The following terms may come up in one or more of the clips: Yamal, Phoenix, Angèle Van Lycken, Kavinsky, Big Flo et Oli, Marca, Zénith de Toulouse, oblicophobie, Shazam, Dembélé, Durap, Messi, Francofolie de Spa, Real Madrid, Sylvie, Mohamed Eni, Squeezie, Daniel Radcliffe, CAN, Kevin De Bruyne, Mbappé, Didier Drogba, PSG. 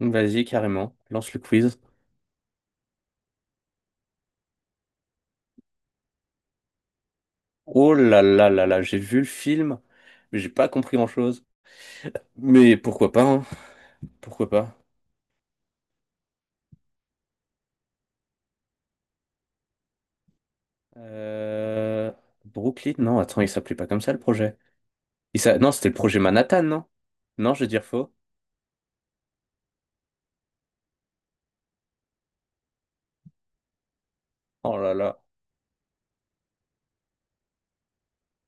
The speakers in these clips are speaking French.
Vas-y, carrément, lance le quiz. Oh là là là là, j'ai vu le film, mais j'ai pas compris grand-chose. Mais pourquoi pas, hein? Pourquoi pas? Euh... Brooklyn? Non, attends, il s'appelait pas comme ça le projet. Non, c'était le projet Manhattan, non? Non, je vais dire faux. Oh là là,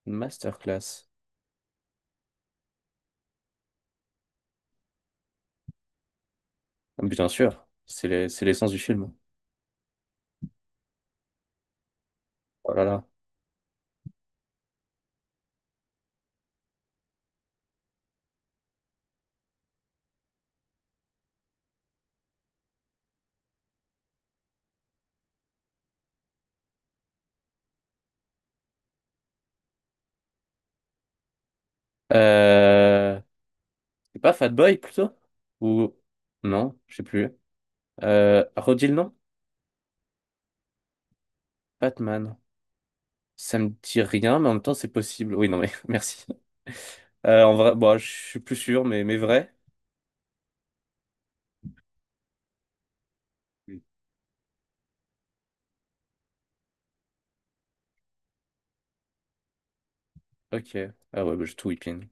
masterclass. Bien sûr, c'est l'essence du film. Oh là là. Euh... C'est pas Fat Boy plutôt? Ou... Non, je sais plus. Redis le nom? Batman. Ça me dit rien, mais en même temps, c'est possible. Oui, non, mais merci. En vrai, bon, je suis plus sûr, mais vrai. Oui. Ok. Ah ouais, bah, j'ai tout whipping.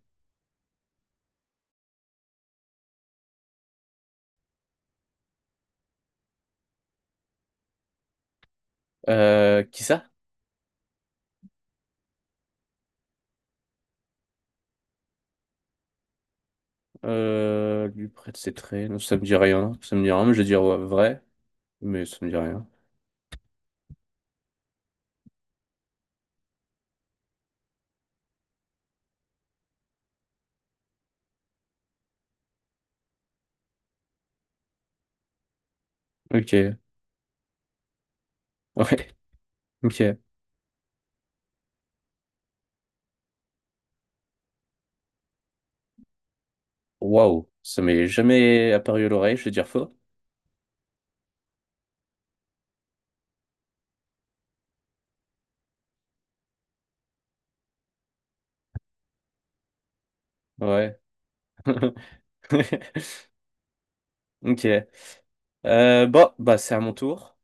Qui ça? Lui prête ses traits. Non, ça me dit rien. Ça me dit rien, mais je vais dire ouais, vrai. Mais ça me dit rien. Ok. Ouais. Ok. Waouh. Ça m'est jamais apparu à l'oreille. Je vais dire faux. Ouais. Ok. Bon, bah, c'est à mon tour.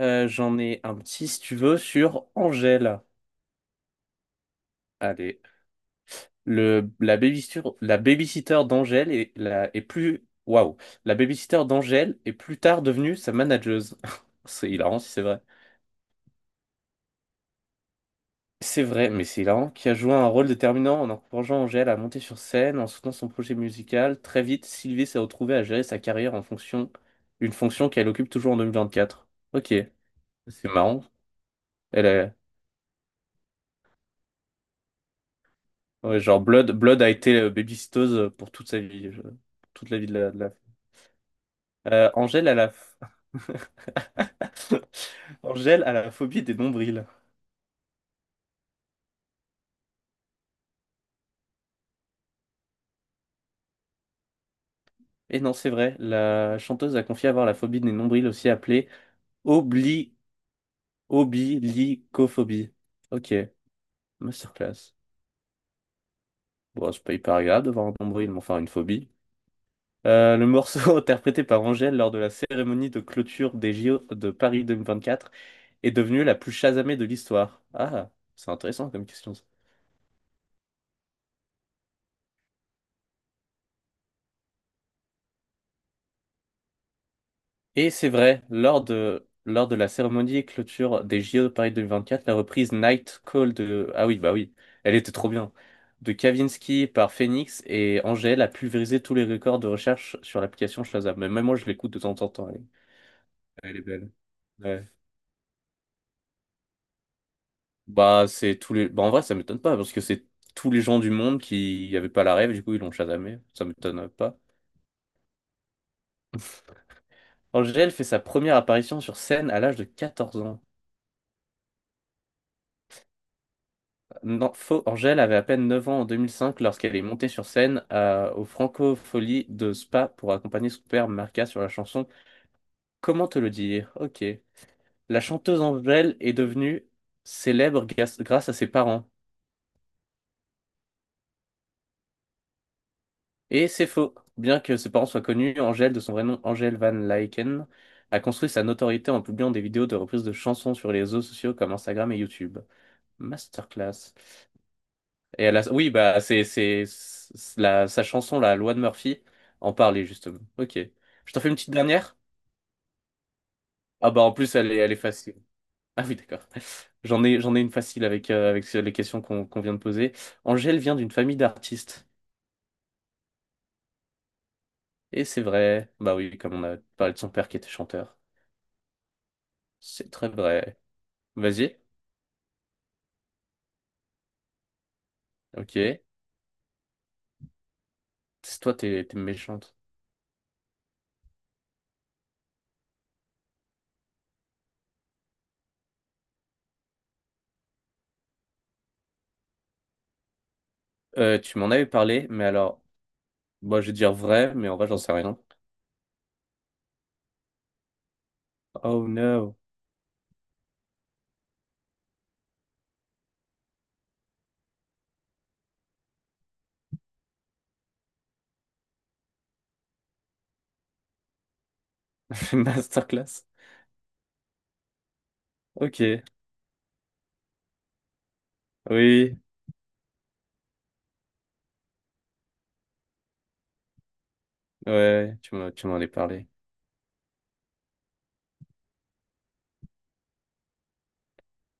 J'en ai un petit, si tu veux, sur Angèle. Allez. La babysitter d'Angèle est, est plus. Waouh! La babysitter d'Angèle est plus tard devenue sa manageuse. C'est hilarant si c'est vrai. C'est vrai, mais c'est hilarant, qui a joué un rôle déterminant en encourageant Angèle à monter sur scène, en soutenant son projet musical. Très vite, Sylvie s'est retrouvée à gérer sa carrière en fonction, une fonction qu'elle occupe toujours en 2024. Ok, c'est marrant. Elle est, ouais, genre Blood a été babysitteuse pour toute sa vie, toute la vie Angèle a la... f- Angèle a la phobie des nombrils. Et non, c'est vrai, la chanteuse a confié avoir la phobie des nombrils, aussi appelée obli... oblicophobie. Ok, masterclass. Bon, c'est pas hyper agréable d'avoir un nombril, mais enfin une phobie. Le morceau interprété par Angèle lors de la cérémonie de clôture des JO de Paris 2024 est devenu la plus chasamée de l'histoire. Ah, c'est intéressant comme question. Et c'est vrai, lors de la cérémonie et clôture des JO de Paris quatre la reprise Night Call de... Ah oui, bah oui, elle était trop bien. De Kavinsky par Phoenix et Angèle a pulvérisé tous les records de recherche sur l'application Shazam. Mais même moi, je l'écoute de temps en temps. Elle est belle. Ouais. Bah, c'est tous les... Bah, en vrai, ça m'étonne pas, parce que c'est tous les gens du monde qui n'avaient pas la rêve, du coup, ils l'ont Shazamé. Ça m'étonne pas. Angèle fait sa première apparition sur scène à l'âge de 14 ans. Non, faux. Angèle avait à peine 9 ans en 2005 lorsqu'elle est montée sur scène au Francofolie de Spa pour accompagner son père Marca sur la chanson Comment te le dire? Ok. La chanteuse Angèle est devenue grâce à ses parents. Et c'est faux. Bien que ses parents soient connus, Angèle, de son vrai nom Angèle Van Lycken, a construit sa notoriété en publiant des vidéos de reprises de chansons sur les réseaux sociaux comme Instagram et YouTube. Masterclass. Oui, bah, sa chanson, la loi de Murphy, en parlait justement. Ok. Je t'en fais une petite dernière? Ah, bah, en plus, elle est facile. Ah oui, d'accord. J'en ai une facile avec, avec les questions qu'on vient de poser. Angèle vient d'une famille d'artistes. Et c'est vrai. Bah oui, comme on a parlé de son père qui était chanteur. C'est très vrai. Vas-y. Ok. C'est toi, t'es méchante. Tu m'en avais parlé, mais alors, moi, je vais dire vrai, mais en vrai, j'en sais rien. Oh no. Masterclass. Ok. Oui, ouais, ouais, tu m'en as parlé.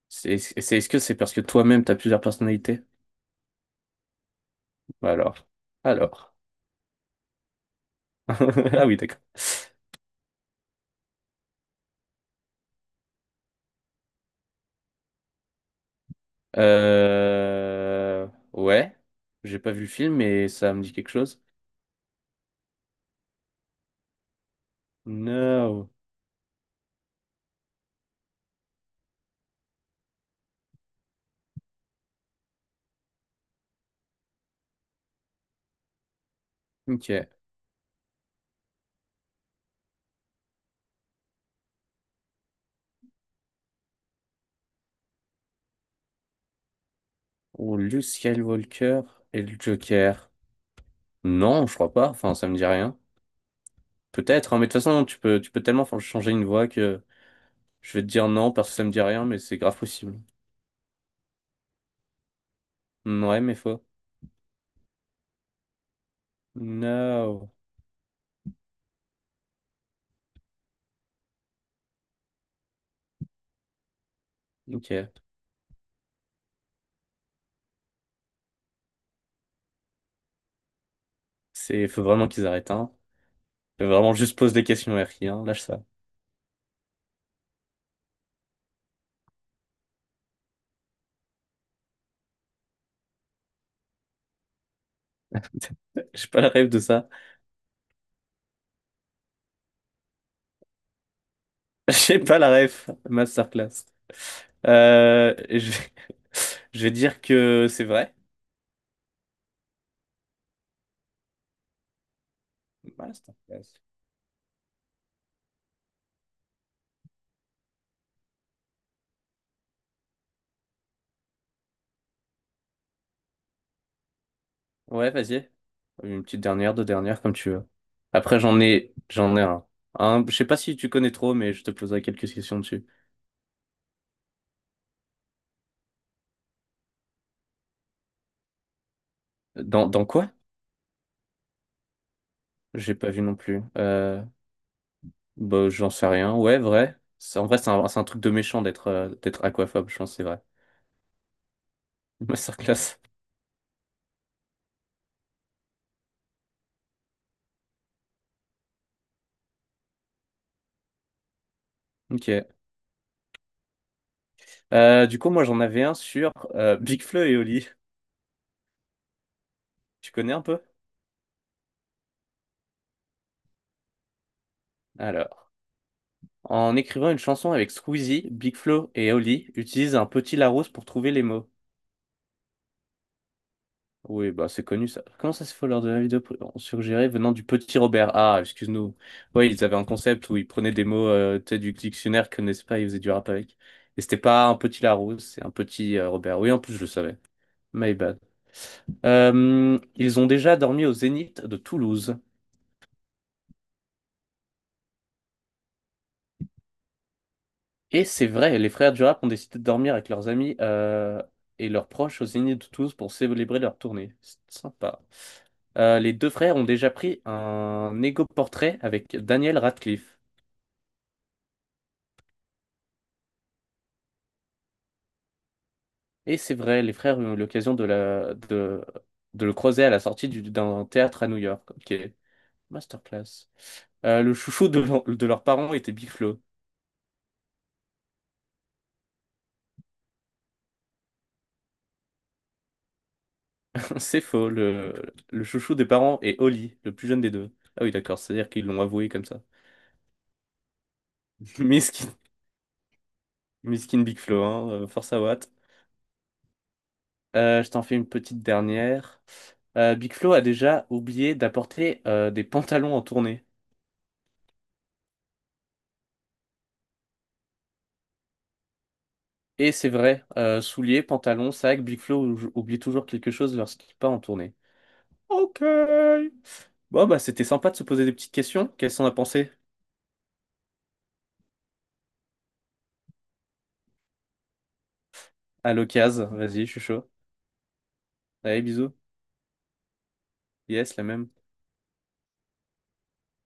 C'est, est-ce que c'est parce que toi-même, t'as plusieurs personnalités? Bah Alors, alors. Ah oui, d'accord. Euh... Ouais, j'ai pas vu le film, mais ça me dit quelque chose. No. Ok. Ou Luke Skywalker et le Joker. Non, je crois pas. Enfin, ça me dit rien. Peut-être, hein, mais de toute façon, tu peux tellement changer une voix que je vais te dire non parce que ça me dit rien, mais c'est grave possible. Ouais, mais faux. No. Ok. C'est, faut vraiment qu'ils arrêtent, hein. Faut vraiment juste pose des questions RI, hein. Lâche ça. J'ai pas la ref de ça. J'ai pas la ref. Masterclass. Euh, je vais... je vais dire que c'est vrai. Masterclass. Ouais, vas-y. Une petite dernière, deux dernières, comme tu veux. Après, j'en ai un. Je sais pas si tu connais trop, mais je te poserai quelques questions dessus. Dans quoi? J'ai pas vu non plus. Bah, j'en sais rien. Ouais, vrai. En vrai, c'est un truc de méchant d'être d'être aquaphobe, je pense, c'est vrai. Masterclass. Ok. Du coup, moi, j'en avais un sur Big Flo et Oli. Tu connais un peu? Alors, en écrivant une chanson avec Squeezie, Big Flo et Oli utilisent un petit Larousse pour trouver les mots. Oui, bah c'est connu ça. Comment ça se fait lors de la vidéo suggérée venant du petit Robert? Ah, excuse-nous. Oui, ils avaient un concept où ils prenaient des mots tu sais, du dictionnaire qu'ils connaissaient pas, ils faisaient du rap avec. Et c'était pas un petit Larousse, c'est un petit Robert. Oui, en plus, je le savais. My bad. Ils ont déjà dormi au Zénith de Toulouse. Et c'est vrai, les frères Durap ont décidé de dormir avec leurs amis et leurs proches au Zénith de Toulouse pour célébrer leur tournée. C'est sympa. Les deux frères ont déjà pris un égo-portrait avec Daniel Radcliffe. Et c'est vrai, les frères ont eu l'occasion de le croiser à la sortie d'un théâtre à New York. Ok, masterclass. Le chouchou de leurs parents était Big Flo. C'est faux, le chouchou des parents est Oli, le plus jeune des deux. Ah oui, d'accord, c'est-à-dire qu'ils l'ont avoué comme ça. Miskin. Miskin Big Flo, hein, force à Watt. Je t'en fais une petite dernière. Big Flo a déjà oublié d'apporter des pantalons en tournée. Et c'est vrai, souliers, pantalons, sac, Big Flo oublie toujours quelque chose lorsqu'il part en tournée. Ok. Bon, bah c'était sympa de se poser des petites questions. Qu'est-ce qu'on a pensé? À l'occasion, vas-y, je suis chaud. Allez, bisous. Yes, la même.